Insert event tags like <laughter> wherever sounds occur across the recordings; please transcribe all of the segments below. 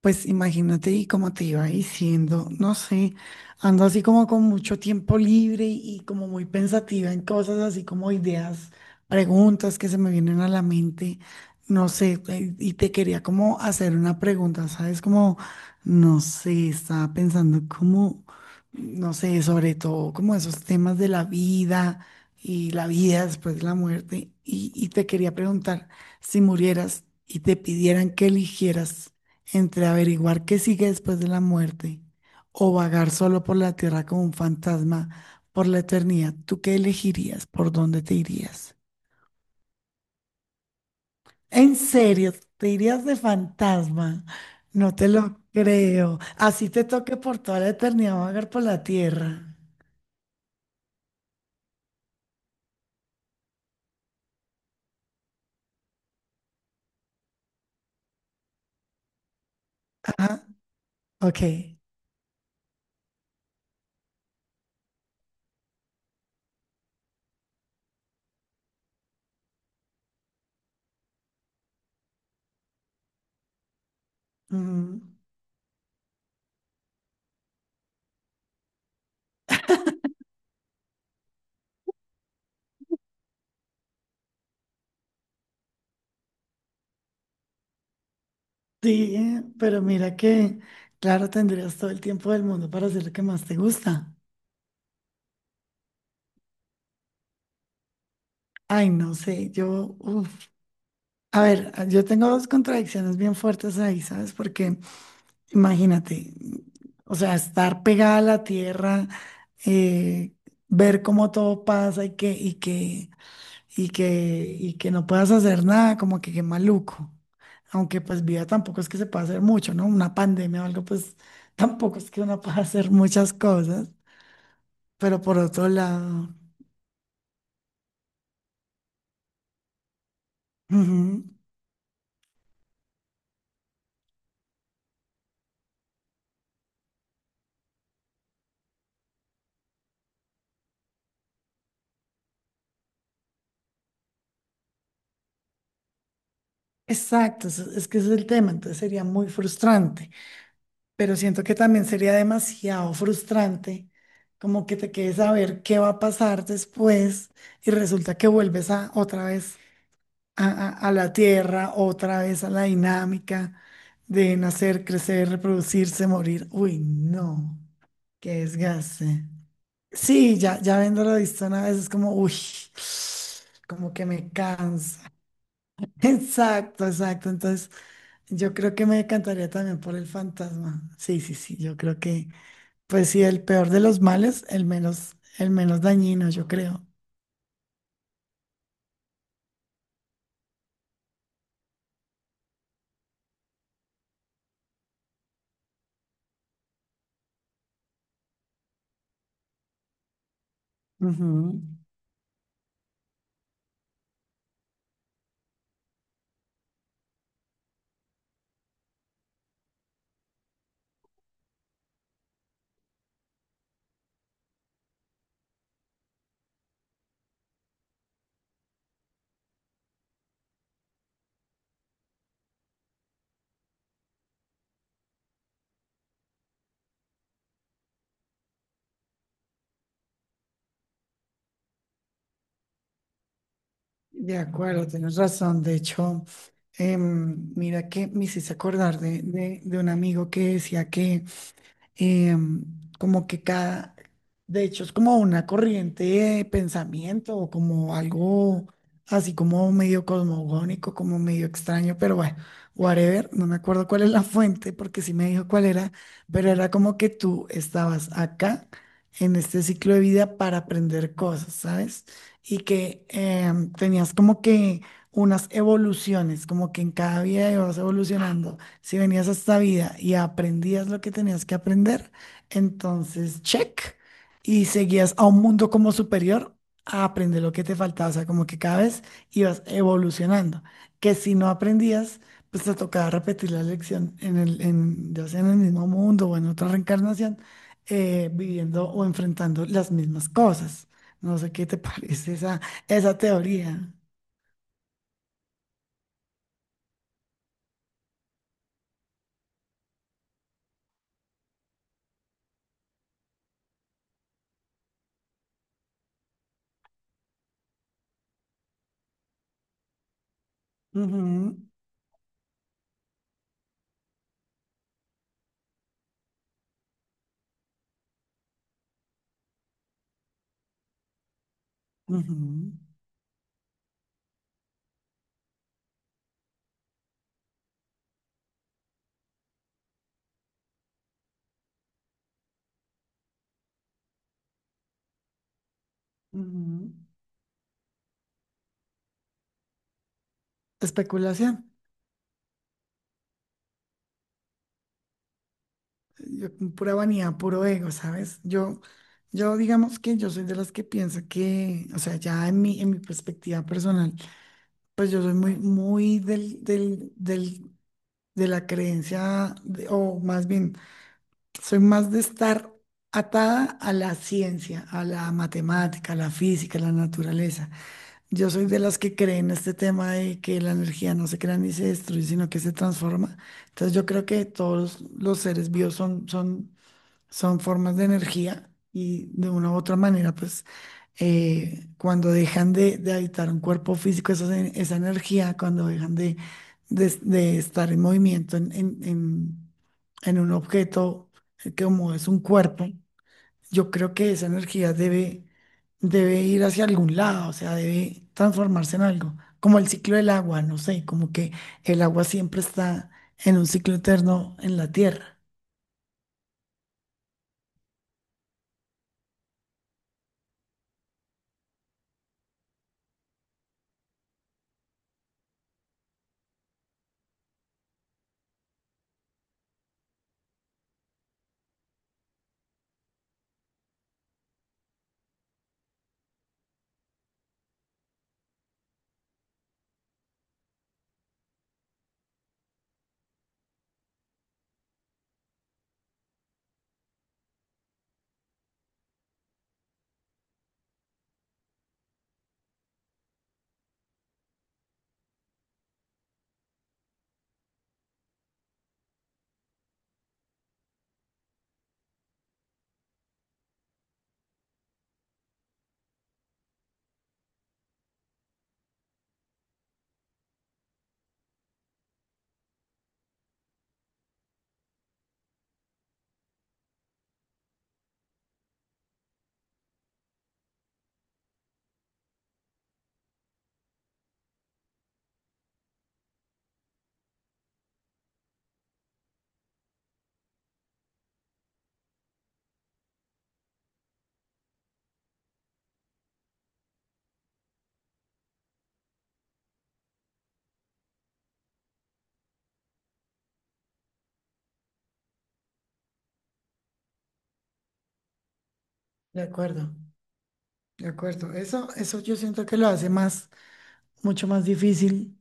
Pues imagínate y como te iba diciendo, no sé, ando así como con mucho tiempo libre y, como muy pensativa en cosas así como ideas, preguntas que se me vienen a la mente, no sé, y te quería como hacer una pregunta, ¿sabes? Como, no sé, estaba pensando como, no sé, sobre todo como esos temas de la vida y la vida después de la muerte, y te quería preguntar, si murieras y te pidieran que eligieras entre averiguar qué sigue después de la muerte o vagar solo por la tierra como un fantasma por la eternidad, ¿tú qué elegirías? ¿Por dónde te irías? En serio, te irías de fantasma. No te lo creo. Así te toque por toda la eternidad vagar por la tierra. Ajá, ok. Mm, sí, pero mira que, claro, tendrías todo el tiempo del mundo para hacer lo que más te gusta. Ay, no sé, yo, uf. A ver, yo tengo dos contradicciones bien fuertes ahí, ¿sabes? Porque imagínate, o sea, estar pegada a la tierra, eh, ver cómo todo pasa y que no puedas hacer nada, como que qué maluco. Aunque pues vida tampoco es que se pueda hacer mucho, ¿no? Una pandemia o algo, pues <laughs> tampoco es que uno pueda hacer muchas cosas. Pero por otro lado, ujú. Exacto, es que ese es el tema, entonces sería muy frustrante. Pero siento que también sería demasiado frustrante, como que te quedes a ver qué va a pasar después y resulta que vuelves a otra vez a la tierra, otra vez a la dinámica de nacer, crecer, reproducirse, morir. Uy, no, qué desgaste. Sí, ya, ya viéndolo visto una vez es como, uy, como que me cansa. <laughs> Exacto, exacto. Entonces, yo creo que me decantaría también por el fantasma. Sí, sí, sí, yo creo que pues sí, el peor de los males, el menos dañino, yo creo. Ujú. De acuerdo, tienes razón. De hecho, mira que me hiciste acordar de, de un amigo que decía que em, como que cada, de hecho, es como una corriente de pensamiento o como algo así como medio cosmogónico, como medio extraño, pero bueno, whatever, no me acuerdo cuál es la <laughs> fuente porque sí me dijo cuál era, pero era como que tú estabas acá en este ciclo de vida para aprender cosas, ¿sabes? Y que tenías como que unas evoluciones, como que en cada vida ibas evolucionando si venías a esta vida y aprendías lo que tenías que aprender, entonces check y seguías a un mundo como superior a aprender lo que te faltaba. O sea, como que cada vez ibas evolucionando. Que si no aprendías, pues te tocaba repetir la lección en el, en, ya sea en el mismo mundo o en otra reencarnación, viviendo o enfrentando las mismas cosas. No sé qué te <laughs> parece esa, esa teoría. Ujú, ujú, ujú. Especulación. Con pura vanidad, puro ego, ¿sabes? Yo digamos que yo soy de las que piensa que, o sea, ya en mi perspectiva personal, pues yo soy muy, muy del, de la creencia, o más bien, soy más de estar atada a la ciencia, a la matemática, a la física, a la naturaleza. Yo soy de las que creen este tema de que la energía no se crea ni se destruye, sino que se transforma. Entonces yo creo que todos los seres vivos son formas de energía y de una u otra manera, pues cuando dejan de habitar un cuerpo físico, esa energía, cuando dejan de estar en movimiento en un objeto que como es un cuerpo, yo creo que esa energía debe, debe ir hacia algún lado, o sea, debe transformarse en algo, como el ciclo del agua, no sé, como que el agua siempre está en un ciclo eterno en la tierra. De acuerdo. De acuerdo, eso yo siento que lo hace más, mucho más difícil.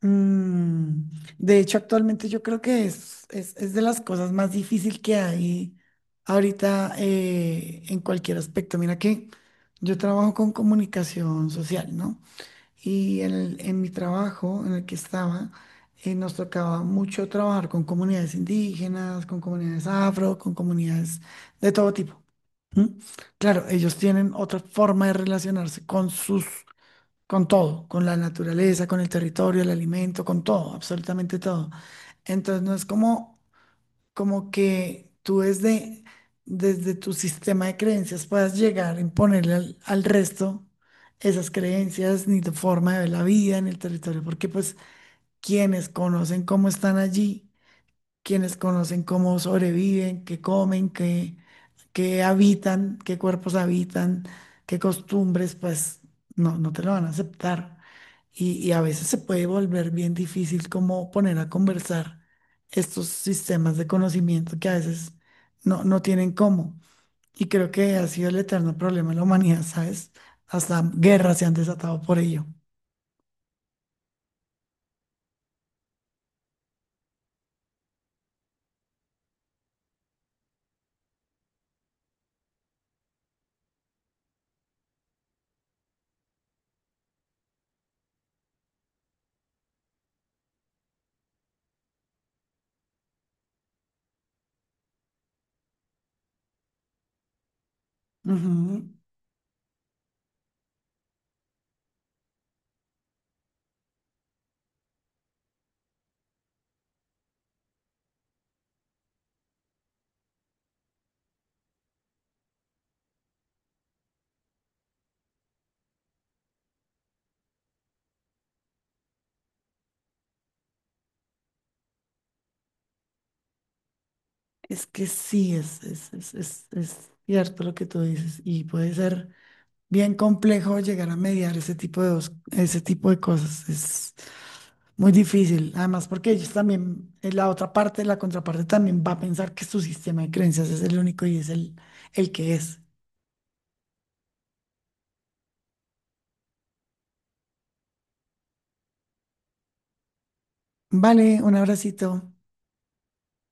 Mm. De hecho, actualmente yo creo que es de las cosas más difíciles que hay ahorita en cualquier aspecto. Mira que yo trabajo con comunicación social, ¿no? Y en, en mi trabajo en el que estaba, nos tocaba mucho trabajar con comunidades indígenas, con comunidades afro, con comunidades de todo tipo. ¿Mm? Claro, ellos tienen otra forma de relacionarse con sus, con todo, con la naturaleza, con el territorio, el alimento, con todo, absolutamente todo. Entonces no es como, como que tú desde, desde tu sistema de creencias puedas llegar a imponerle al resto esas creencias, ni tu forma de ver la vida en el territorio, porque pues quienes conocen cómo están allí, quienes conocen cómo sobreviven, qué comen, qué habitan, qué cuerpos habitan, qué costumbres, pues no, no te lo van a aceptar. Y a veces se puede volver bien difícil como poner a conversar estos sistemas de conocimiento que a veces no, no tienen cómo. Y creo que ha sido el eterno problema de la humanidad, ¿sabes? Hasta guerras se han desatado por ello. Ujú. Es que sí, es cierto lo que tú dices y puede ser bien complejo llegar a mediar ese tipo de, ese tipo de cosas. Es muy difícil. Además, porque ellos también, la otra parte, la contraparte también va a pensar que su sistema de creencias es el único y es el que es. Vale, un abracito.